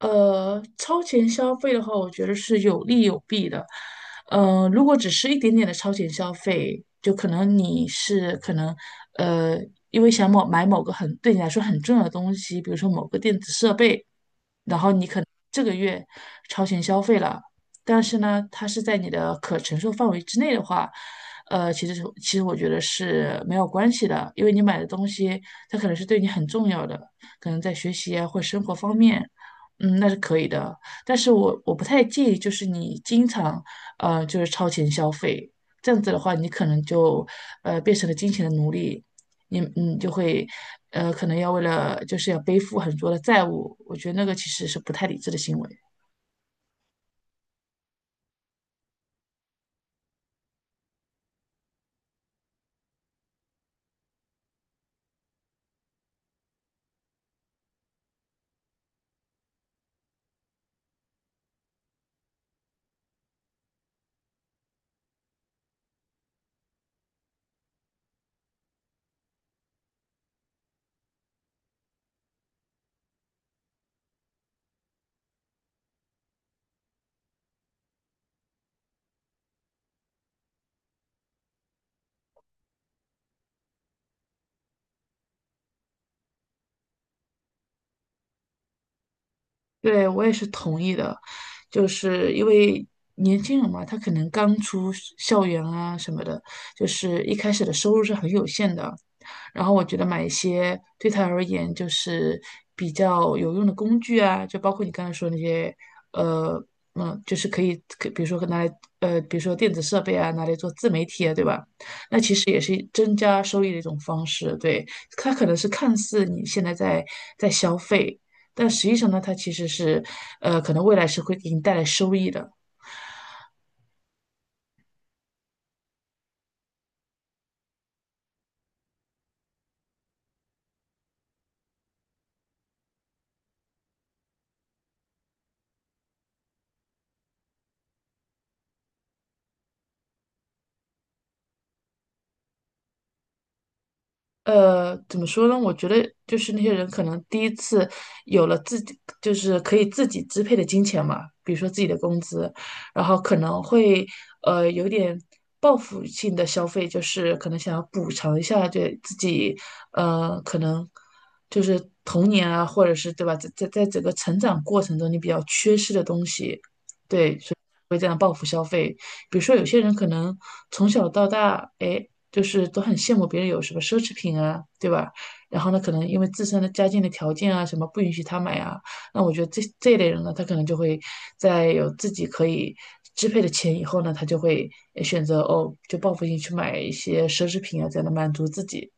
超前消费的话，我觉得是有利有弊的。如果只是一点点的超前消费，就可能你是可能呃，因为想某买某个很对你来说很重要的东西，比如说某个电子设备，这个月超前消费了，但是呢，它是在你的可承受范围之内的话，其实我觉得是没有关系的，因为你买的东西它可能是对你很重要的，可能在学习啊或生活方面，嗯，那是可以的。但是我不太建议，就是你经常就是超前消费，这样子的话，你可能就变成了金钱的奴隶，你嗯就会，可能要为了就是要背负很多的债务，我觉得那个其实是不太理智的行为。对，我也是同意的，就是因为年轻人嘛，他可能刚出是校园啊什么的，就是一开始的收入是很有限的。然后我觉得买一些对他而言就是比较有用的工具啊，就包括你刚才说那些，呃，就是可以，可比如说拿来，比如说电子设备啊，拿来做自媒体啊，对吧？那其实也是增加收益的一种方式。对，它可能是看似你现在在消费。但实际上呢，它其实是，可能未来是会给你带来收益的。怎么说呢？我觉得就是那些人可能第一次有了自己，就是可以自己支配的金钱嘛，比如说自己的工资，然后可能会有点报复性的消费，就是可能想要补偿一下对自己，可能就是童年啊，或者是对吧，在整个成长过程中你比较缺失的东西，对，所以会这样报复消费。比如说有些人可能从小到大，哎。就是都很羡慕别人有什么奢侈品啊，对吧？然后呢，可能因为自身的家境的条件啊，什么不允许他买啊，那我觉得这一类人呢，他可能就会在有自己可以支配的钱以后呢，他就会选择哦，就报复性去买一些奢侈品啊，这样的满足自己，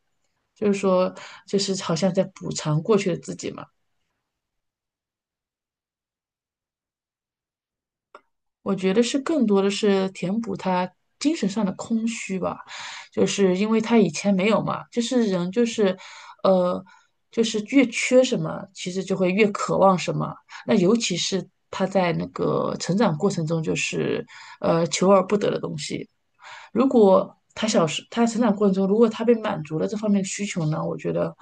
就是说，就是好像在补偿过去的自己嘛。我觉得是更多的是填补他精神上的空虚吧，就是因为他以前没有嘛，就是人就是，呃，就是越缺什么，其实就会越渴望什么。那尤其是他在那个成长过程中，就是求而不得的东西，如果他小时他成长过程中，如果他被满足了这方面的需求呢，我觉得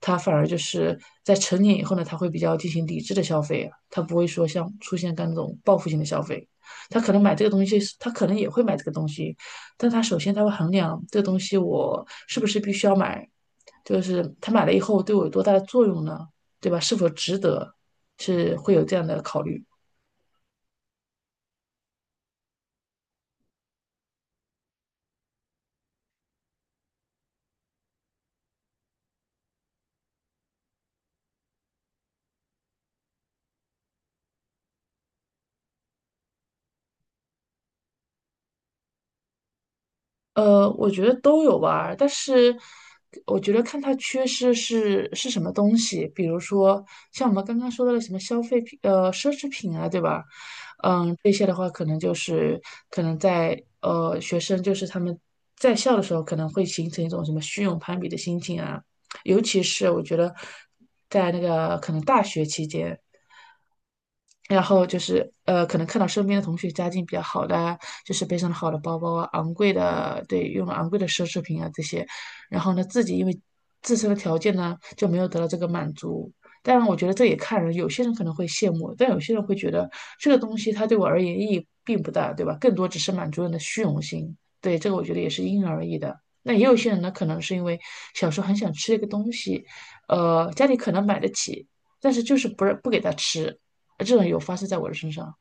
他反而就是在成年以后呢，他会比较进行理智的消费啊，他不会说像出现刚那种报复性的消费。他可能买这个东西，他可能也会买这个东西，但他首先他会衡量这个东西我是不是必须要买，就是他买了以后对我有多大的作用呢？对吧？是否值得？是会有这样的考虑。我觉得都有吧，但是我觉得看他缺失是什么东西，比如说像我们刚刚说到的什么消费品，奢侈品啊，对吧？嗯，这些的话，可能在学生就是他们在校的时候，可能会形成一种什么虚荣攀比的心情啊，尤其是我觉得在那个可能大学期间。然后就是可能看到身边的同学家境比较好的啊，就是背上了好的包包啊，昂贵的，对，用了昂贵的奢侈品啊这些，然后呢，自己因为自身的条件呢，就没有得到这个满足。当然，我觉得这也看人，有些人可能会羡慕，但有些人会觉得这个东西它对我而言意义并不大，对吧？更多只是满足人的虚荣心。对，这个我觉得也是因人而异的。那也有些人呢，可能是因为小时候很想吃一个东西，家里可能买得起，但是就是不给他吃，这种有发生在我的身上。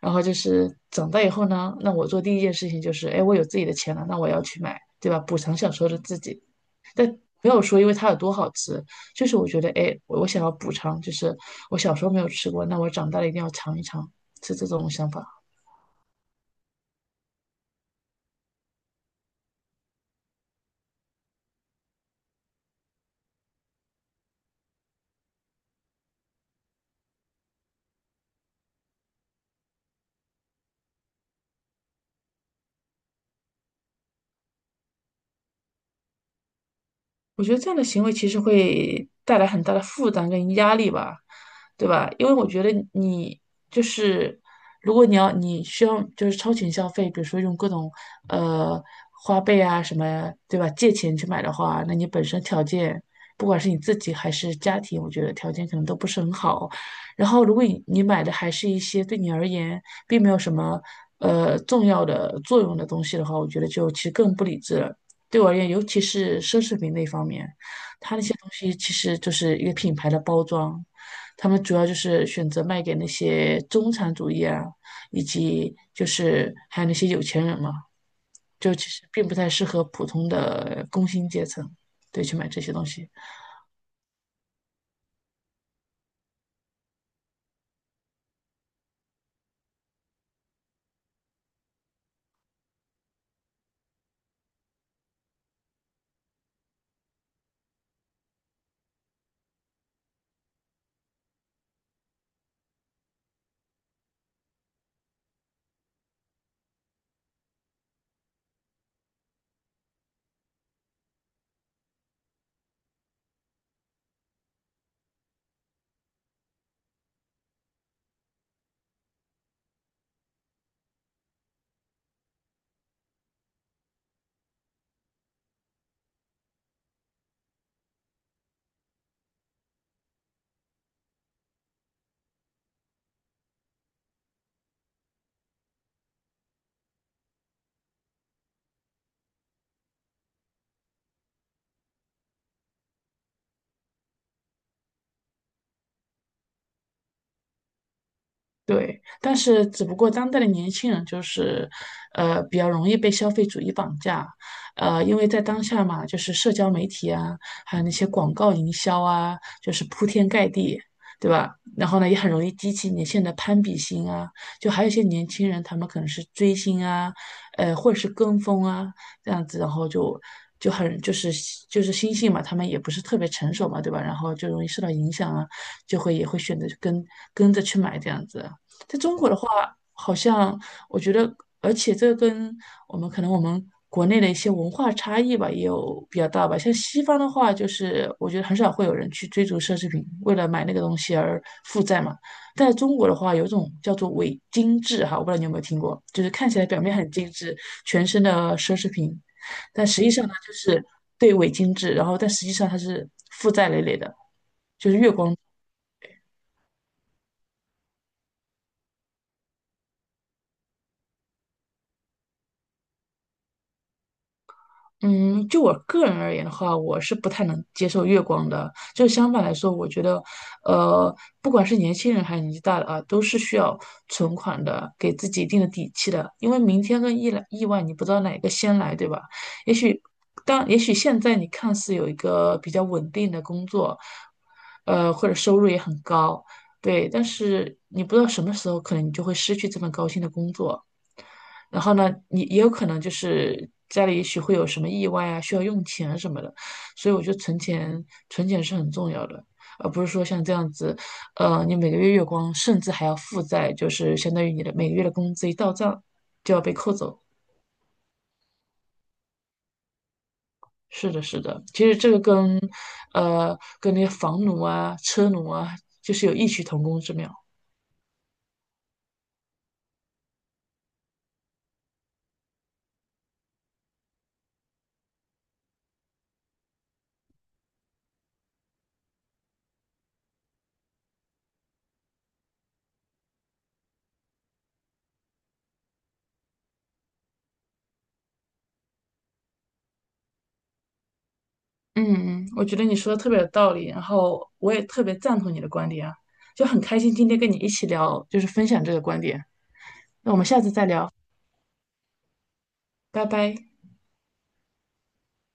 然后就是长大以后呢，那我做第一件事情就是，哎，我有自己的钱了，那我要去买，对吧？补偿小时候的自己。但没有说因为它有多好吃，就是我觉得，哎，我想要补偿，就是我小时候没有吃过，那我长大了一定要尝一尝，是这种想法。我觉得这样的行为其实会带来很大的负担跟压力吧，对吧？因为我觉得你就是，如果你要你需要就是超前消费，比如说用各种呃花呗啊什么，对吧？借钱去买的话，那你本身条件，不管是你自己还是家庭，我觉得条件可能都不是很好。然后，如果你买的还是一些对你而言并没有什么重要的作用的东西的话，我觉得就其实更不理智了。对我而言，尤其是奢侈品那方面，它那些东西其实就是一个品牌的包装，他们主要就是选择卖给那些中产主义啊，以及就是还有那些有钱人嘛，就其实并不太适合普通的工薪阶层，对，去买这些东西。对，但是只不过当代的年轻人就是，比较容易被消费主义绑架，因为在当下嘛，就是社交媒体啊，还有那些广告营销啊，就是铺天盖地，对吧？然后呢，也很容易激起年轻人的攀比心啊，就还有一些年轻人，他们可能是追星啊，或者是跟风啊，这样子，然后就很就是就是心性嘛，他们也不是特别成熟嘛，对吧？然后就容易受到影响啊，就会也会选择跟着去买这样子。在中国的话，好像我觉得，而且这个跟我们可能我们国内的一些文化差异吧，也有比较大吧。像西方的话，就是我觉得很少会有人去追逐奢侈品，为了买那个东西而负债嘛。但在中国的话，有一种叫做伪精致哈，我不知道你有没有听过，就是看起来表面很精致，全身的奢侈品，但实际上呢，就是对伪精致，然后但实际上它是负债累累的，就是月光。嗯，就我个人而言的话，我是不太能接受月光的。就相反来说，我觉得，呃，不管是年轻人还是年纪大的啊，都是需要存款的，给自己一定的底气的。因为明天跟意来意外，你不知道哪个先来，对吧？也许当也许现在你看似有一个比较稳定的工作，或者收入也很高，对，但是你不知道什么时候可能你就会失去这份高薪的工作。然后呢，你也有可能就是家里也许会有什么意外啊，需要用钱啊什么的，所以我觉得存钱是很重要的，而不是说像这样子，你每个月月光，甚至还要负债，就是相当于你的每个月的工资一到账就要被扣走。是的，是的，其实这个跟，跟那些房奴啊、车奴啊，就是有异曲同工之妙。嗯嗯，我觉得你说的特别有道理，然后我也特别赞同你的观点啊，就很开心今天跟你一起聊，就是分享这个观点。那我们下次再聊，拜拜。